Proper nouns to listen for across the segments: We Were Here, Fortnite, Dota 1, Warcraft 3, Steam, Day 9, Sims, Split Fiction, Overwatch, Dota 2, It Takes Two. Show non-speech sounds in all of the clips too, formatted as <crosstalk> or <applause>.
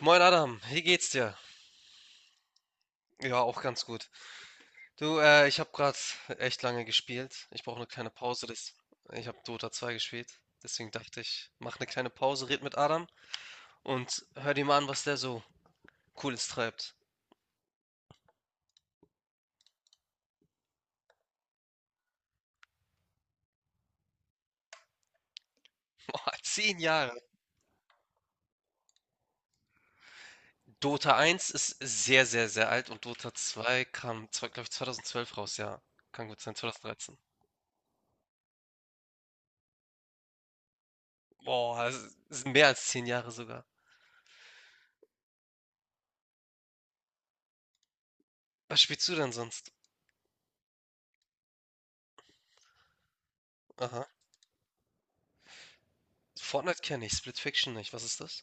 Moin Adam, wie geht's dir? Ja, auch ganz gut. Du, ich habe gerade echt lange gespielt. Ich brauche eine kleine Pause. Ich habe Dota 2 gespielt. Deswegen dachte ich, mach eine kleine Pause, red mit Adam und hör dir mal an, was der so Cooles treibt. <laughs> Boah, 10 Jahre. Dota 1 ist sehr, sehr, sehr alt und Dota 2 kam, glaube ich, 2012 raus, ja. Kann gut sein, 2013. Boah, das ist mehr als 10 Jahre sogar. Was spielst du denn sonst? Aha. Fortnite kenne ich, Split Fiction nicht. Was ist das?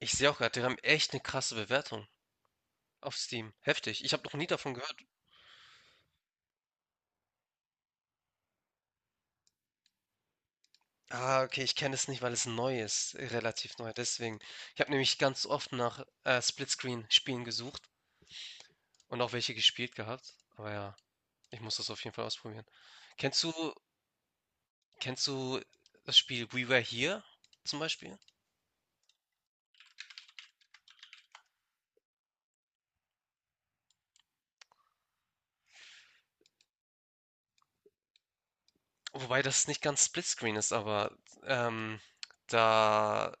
Ich sehe auch gerade, die haben echt eine krasse Bewertung auf Steam. Heftig. Ich habe noch nie davon gehört. Ah, okay, ich kenne es nicht, weil es neu ist, relativ neu, deswegen. Ich habe nämlich ganz oft nach, Splitscreen-Spielen gesucht und auch welche gespielt gehabt, aber ja, ich muss das auf jeden Fall ausprobieren. Kennst du Kennst du das Spiel We Were Here zum Beispiel? Wobei das nicht ganz Splitscreen ist, aber ähm, da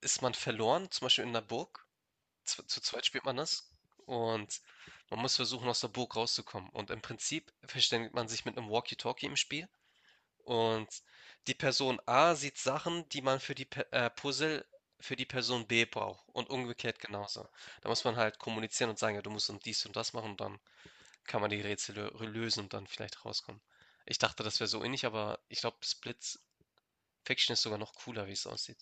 ist man verloren, zum Beispiel in 'ner Burg. Zu zweit spielt man das und man muss versuchen, aus der Burg rauszukommen. Und im Prinzip verständigt man sich mit einem Walkie-Talkie im Spiel und die Person A sieht Sachen, die man für die Puzzle für die Person B braucht und umgekehrt genauso. Da muss man halt kommunizieren und sagen, ja, du musst und dies und das machen und dann kann man die Rätsel lösen und dann vielleicht rauskommen. Ich dachte, das wäre so ähnlich, aber ich glaube, Split Fiction ist sogar noch cooler, wie es aussieht.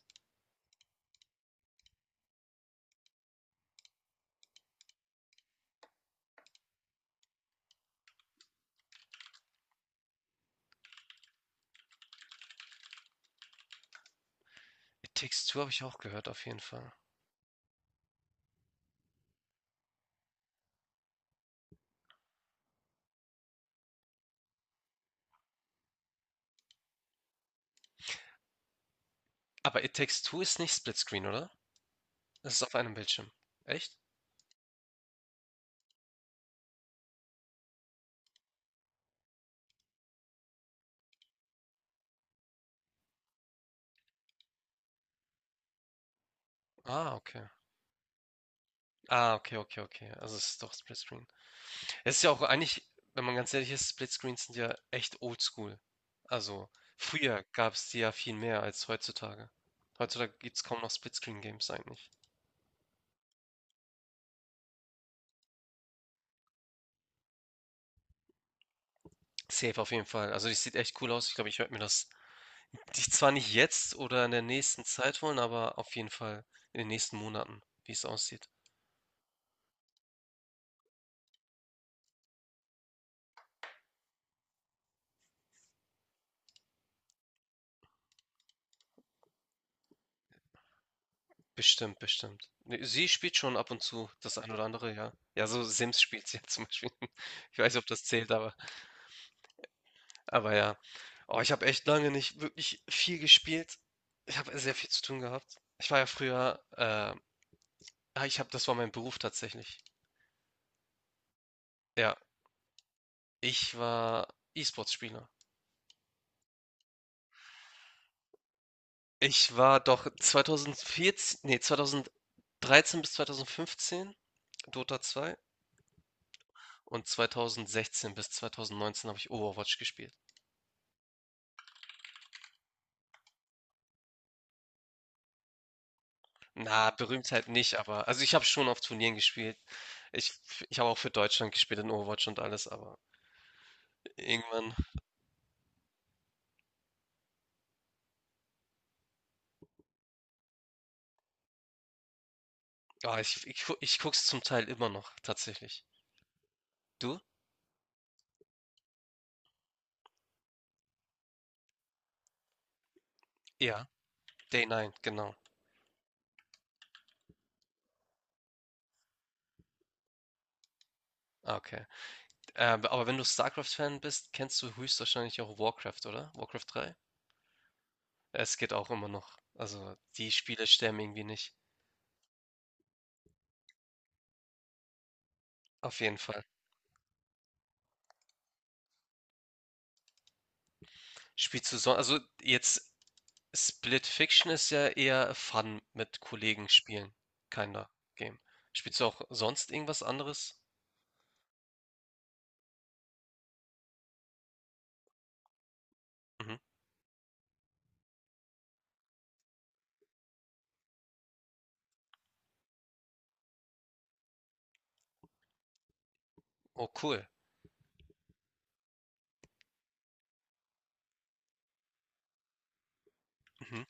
It Takes Two habe ich auch gehört, auf jeden Fall. Aber It Takes Two ist nicht Split Screen, oder? Es ist auf einem Bildschirm. Echt? Ah, okay. Ah, okay, okay, okay. Also es ist doch Splitscreen. Es ist ja auch eigentlich, wenn man ganz ehrlich ist, Splitscreens sind ja echt oldschool. Also früher gab es die ja viel mehr als heutzutage. Heutzutage gibt es kaum noch Splitscreen-Games eigentlich. Safe auf jeden Fall. Also das sieht echt cool aus. Ich glaube, ich werde mir das zwar nicht jetzt oder in der nächsten Zeit holen, aber auf jeden Fall in den nächsten Monaten, wie es aussieht. Bestimmt, bestimmt. Ne, sie spielt schon ab und zu das ein oder andere, ja. Ja, so Sims spielt sie <laughs> ja zum Beispiel. <laughs> Ich weiß nicht, ob das zählt, aber ja. Oh, ich habe echt lange nicht wirklich viel gespielt. Ich habe sehr viel zu tun gehabt. Ich war ja früher, ich habe, das war mein Beruf tatsächlich. Ja, ich war E-Sports-Spieler. Ich war doch 2014, nee, 2013 bis 2015 Dota 2 und 2016 bis 2019 habe ich Overwatch gespielt. Na, Berühmtheit nicht, aber also ich habe schon auf Turnieren gespielt. Ich, ich habe auch für Deutschland gespielt in Overwatch und alles, aber irgendwann, ich guck's zum Teil immer noch, tatsächlich. Du? Ja, Day 9, genau. Ah, okay. Aber wenn du StarCraft-Fan bist, kennst du höchstwahrscheinlich auch Warcraft, oder? Warcraft 3? Es geht auch immer noch. Also die Spiele sterben irgendwie nicht. Auf jeden Fall. Spielst du sonst also jetzt Split Fiction ist ja eher Fun mit Kollegen spielen, Kinder Game. Spielst du auch sonst irgendwas anderes? Mhm. Oh, cool. Mhm.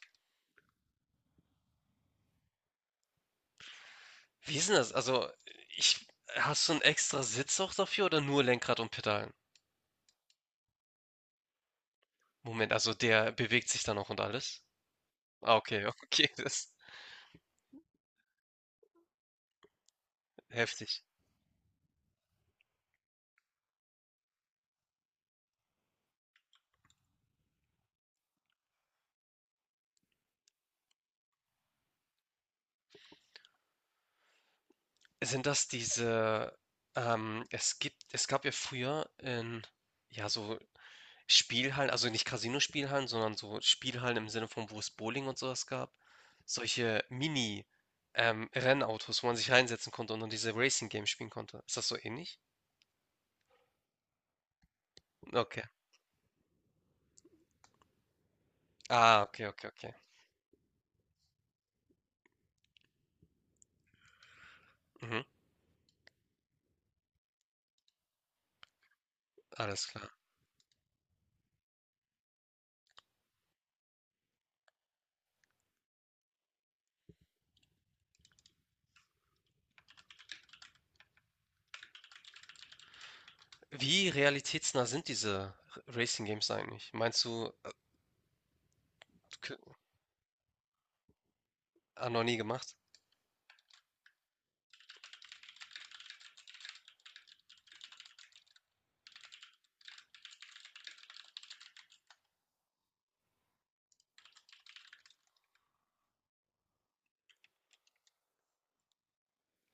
Wie ist denn das? Also, ich hast du 'n extra Sitz auch dafür oder nur Lenkrad und Pedalen? Moment, also der bewegt sich dann auch und alles? Ah, okay, <laughs> okay, das ist heftig. Sind das diese es gibt es gab ja früher in, ja, so Spielhallen, also nicht Casino-Spielhallen, sondern so Spielhallen im Sinne von, wo es Bowling und sowas gab, solche Mini, Rennautos, wo man sich reinsetzen konnte und dann diese Racing Games spielen konnte. Ist das so ähnlich? Okay. Ah, okay, okay, okay. Mhm, alles klar. Wie realitätsnah sind diese Racing Games eigentlich? Meinst du, k- noch nie gemacht?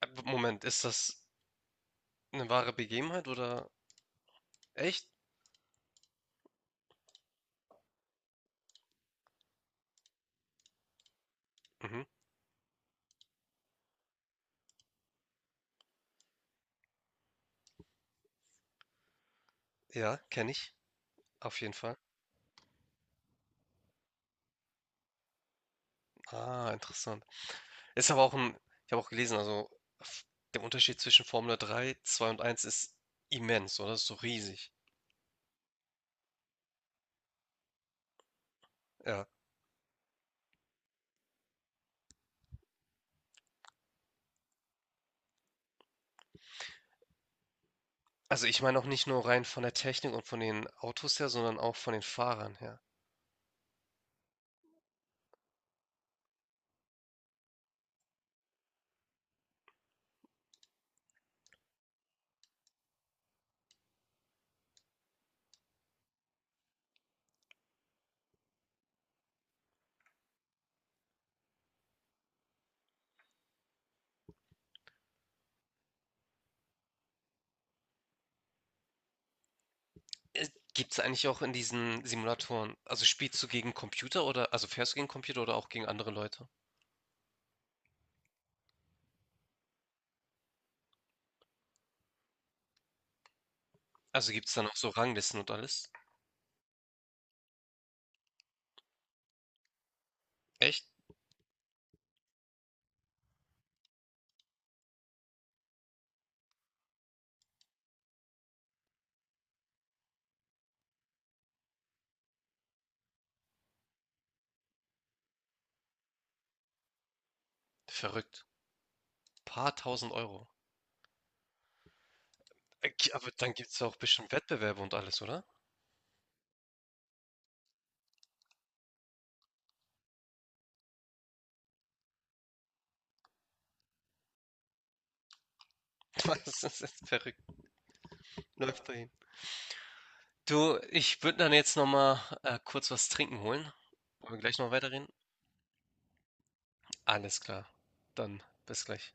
Moment, ist das eine wahre Begebenheit oder echt? Mhm. Ja, kenne ich. Auf jeden Fall. Ah, interessant. Ist aber auch ein, ich habe auch gelesen, also f- der Unterschied zwischen Formel 3, 2 und eins ist immens, oder? Ist so riesig. Ja. Also ich meine auch nicht nur rein von der Technik und von den Autos her, sondern auch von den Fahrern her. Gibt es eigentlich auch in diesen Simulatoren, also spielst du gegen Computer oder, also fährst du gegen Computer oder auch gegen andere Leute? Also gibt es dann auch so Ranglisten und alles? Echt? Verrückt. Paar tausend Euro. Aber dann gibt es auch bestimmt Wettbewerbe und alles, oder? <laughs> Das ist jetzt verrückt. Läuft dahin. Du, ich würde dann jetzt nochmal kurz was trinken holen. Wollen wir gleich noch weiterreden? Alles klar. Dann bis gleich.